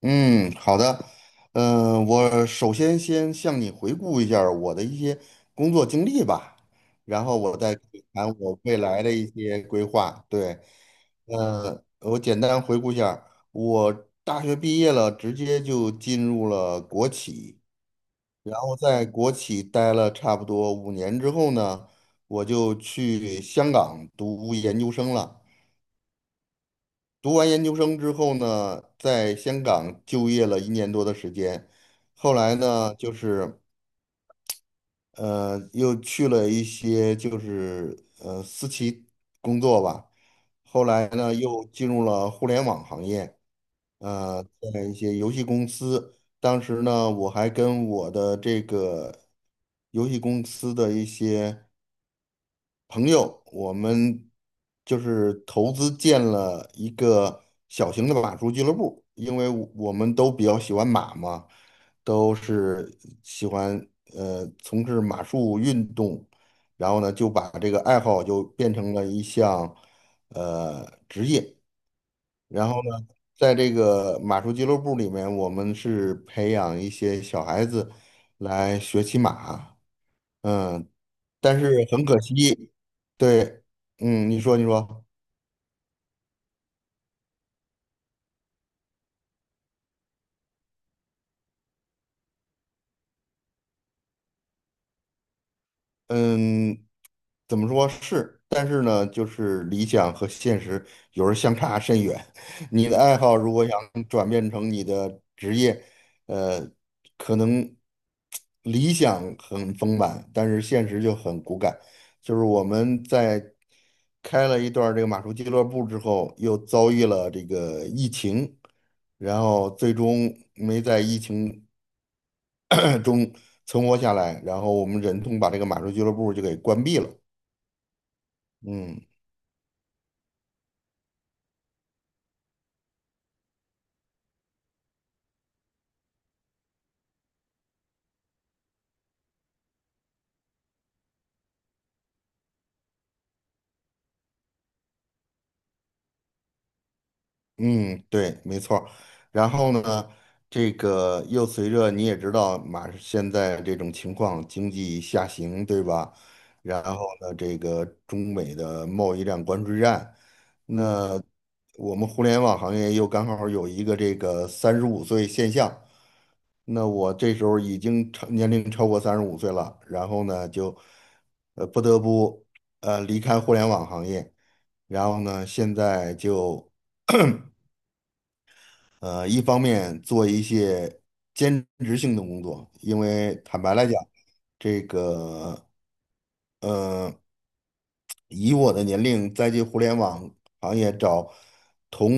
嗯，好的。嗯，我首先向你回顾一下儿我的一些工作经历吧，然后我再谈我未来的一些规划。对，我简单回顾一下儿我大学毕业了，直接就进入了国企。然后在国企待了差不多5年之后呢，我就去香港读研究生了。读完研究生之后呢，在香港就业了1年多的时间，后来呢，就是又去了一些就是私企工作吧，后来呢，又进入了互联网行业，呃，在一些游戏公司，当时呢，我还跟我的这个游戏公司的一些朋友，我们就是投资建了一个小型的马术俱乐部，因为我们都比较喜欢马嘛，都是喜欢从事马术运动，然后呢就把这个爱好就变成了一项职业，然后呢在这个马术俱乐部里面，我们是培养一些小孩子来学骑马。嗯，但是很可惜，对，嗯，你说你说，嗯，怎么说是，但是呢，就是理想和现实有时候相差甚远。你的爱好如果想转变成你的职业，呃，可能理想很丰满，但是现实就很骨感。就是我们在开了一段儿这个马术俱乐部之后，又遭遇了这个疫情，然后最终没在疫情 中存活下来，然后我们忍痛把这个马术俱乐部就给关闭了。嗯嗯，对，没错儿。然后呢，这个又随着你也知道，马现在这种情况，经济下行，对吧？然后呢，这个中美的贸易战、关税战，那我们互联网行业又刚好有一个这个三十五岁现象，那我这时候已经超年龄超过三十五岁了，然后呢就，不得不离开互联网行业，然后呢现在就一方面做一些兼职性的工作，因为坦白来讲，这个呃以我的年龄再去互联网行业找同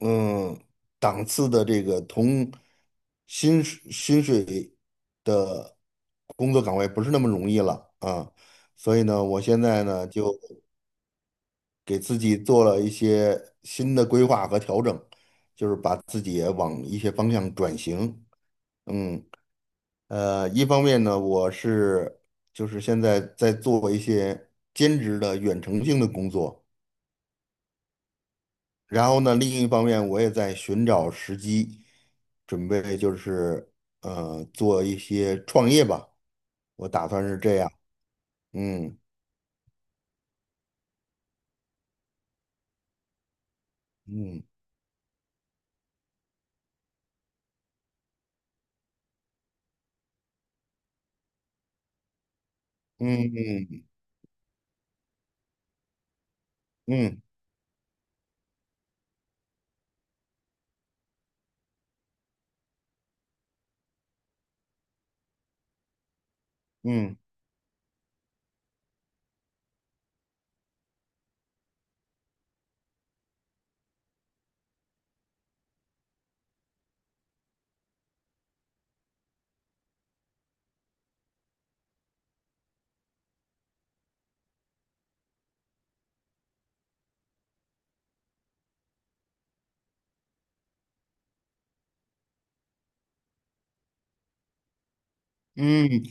嗯档次的这个同薪水。工作岗位不是那么容易了啊，所以呢，我现在呢就给自己做了一些新的规划和调整，就是把自己也往一些方向转型。嗯，一方面呢，我是就是现在在做一些兼职的远程性的工作，然后呢，另一方面我也在寻找时机，准备就是做一些创业吧，我打算是这样。嗯嗯嗯。嗯嗯嗯嗯，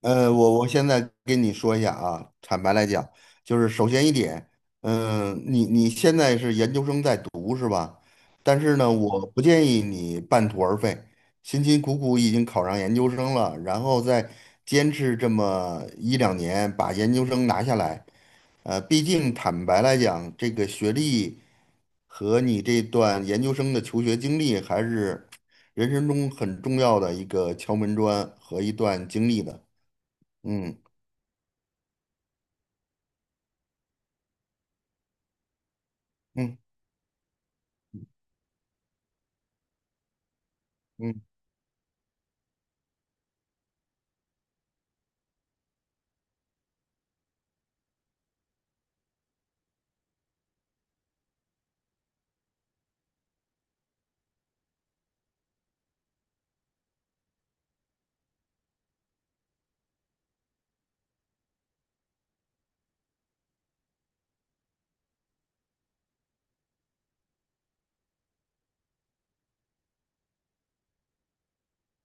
我现在跟你说一下啊，坦白来讲，就是首先一点，嗯、你现在是研究生在读是吧？但是呢，我不建议你半途而废，辛辛苦苦已经考上研究生了，然后再坚持这么一两年把研究生拿下来，毕竟坦白来讲，这个学历和你这段研究生的求学经历还是人生中很重要的一个敲门砖和一段经历的。嗯嗯嗯，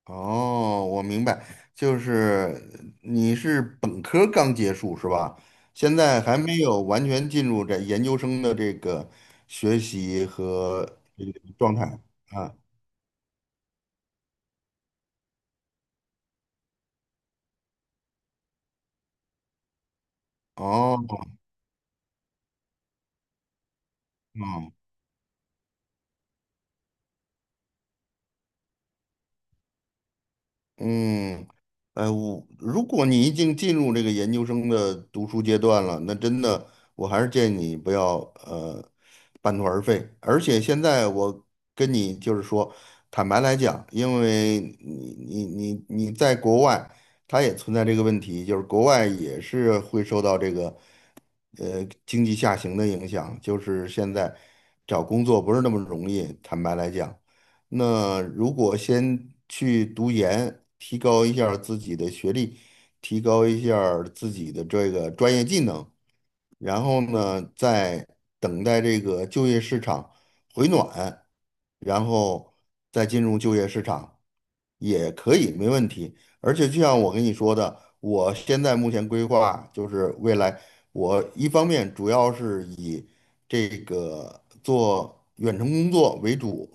哦，我明白，就是你是本科刚结束是吧？现在还没有完全进入这研究生的这个学习和这个状态啊。哦，哦嗯，哎，我如果你已经进入这个研究生的读书阶段了，那真的，我还是建议你不要呃半途而废。而且现在我跟你就是说，坦白来讲，因为你在国外，他也存在这个问题，就是国外也是会受到这个经济下行的影响，就是现在找工作不是那么容易，坦白来讲。那如果先去读研，提高一下儿自己的学历，提高一下儿自己的这个专业技能，然后呢，再等待这个就业市场回暖，然后再进入就业市场也可以，没问题。而且就像我跟你说的，我现在目前规划就是未来，我一方面主要是以这个做远程工作为主，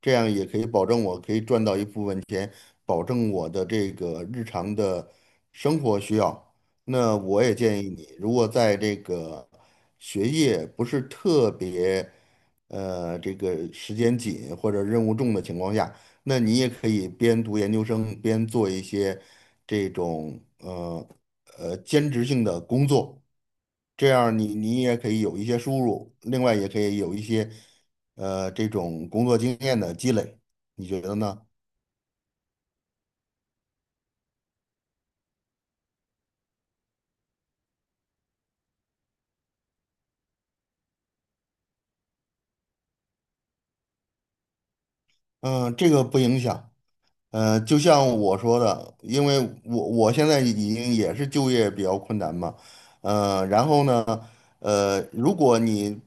这样也可以保证我可以赚到一部分钱，保证我的这个日常的生活需要。那我也建议你，如果在这个学业不是特别，这个时间紧或者任务重的情况下，那你也可以边读研究生边做一些这种兼职性的工作，这样你也可以有一些收入，另外也可以有一些这种工作经验的积累，你觉得呢？嗯、这个不影响。就像我说的，因为我现在已经也是就业比较困难嘛，然后呢，如果你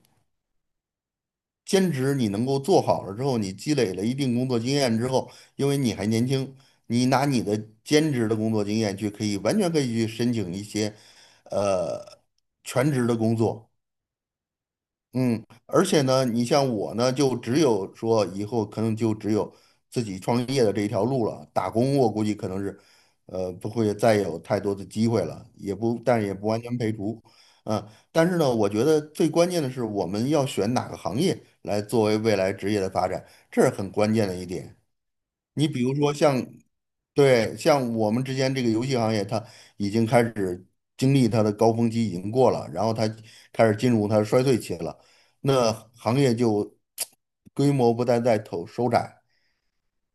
兼职你能够做好了之后，你积累了一定工作经验之后，因为你还年轻，你拿你的兼职的工作经验去，可以完全可以去申请一些，呃，全职的工作。嗯，而且呢，你像我呢，就只有说以后可能就只有自己创业的这一条路了。打工我估计可能是，不会再有太多的机会了，也不，但也不完全排除。嗯，但是呢，我觉得最关键的是我们要选哪个行业来作为未来职业的发展，这是很关键的一点。你比如说像，对，像我们之间这个游戏行业，它已经开始经历它的高峰期已经过了，然后它开始进入它的衰退期了，那行业就 规模不断在投收窄。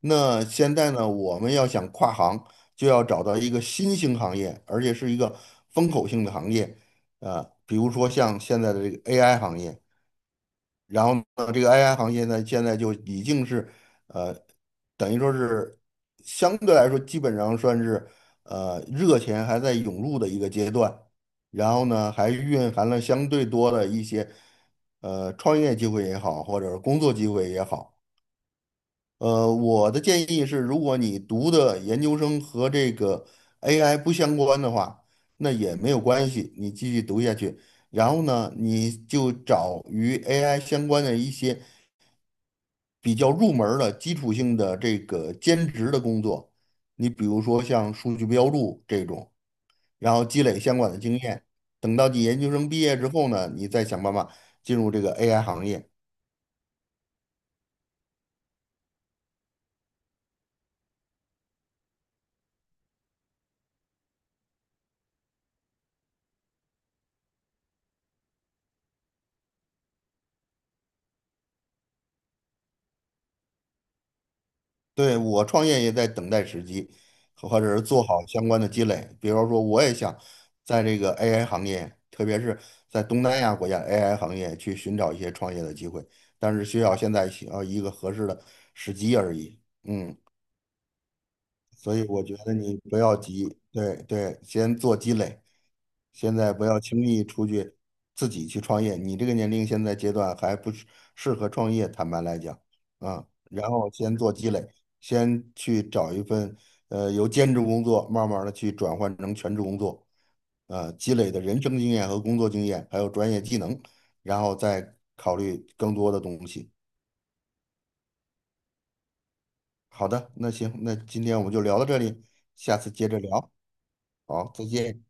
那现在呢，我们要想跨行，就要找到一个新兴行业，而且是一个风口性的行业，啊、比如说像现在的这个 AI 行业。然后呢，这个 AI 行业呢，现在就已经是，呃，等于说是相对来说，基本上算是，热钱还在涌入的一个阶段。然后呢，还蕴含了相对多的一些，创业机会也好，或者是工作机会也好。我的建议是，如果你读的研究生和这个 AI 不相关的话，那也没有关系，你继续读下去。然后呢，你就找与 AI 相关的一些比较入门儿的基础性的这个兼职的工作，你比如说像数据标注这种，然后积累相关的经验，等到你研究生毕业之后呢，你再想办法进入这个 AI 行业。对，我创业也在等待时机，或者是做好相关的积累。比如说，我也想在这个 AI 行业，特别是在东南亚国家 AI 行业去寻找一些创业的机会，但是需要现在需要一个合适的时机而已。嗯。所以我觉得你不要急，对对，先做积累，现在不要轻易出去自己去创业。你这个年龄现在阶段还不是适合创业，坦白来讲，啊，然后先做积累，先去找一份由兼职工作慢慢的去转换成全职工作，积累的人生经验和工作经验，还有专业技能，然后再考虑更多的东西。好的，那行，那今天我们就聊到这里，下次接着聊，好，再见。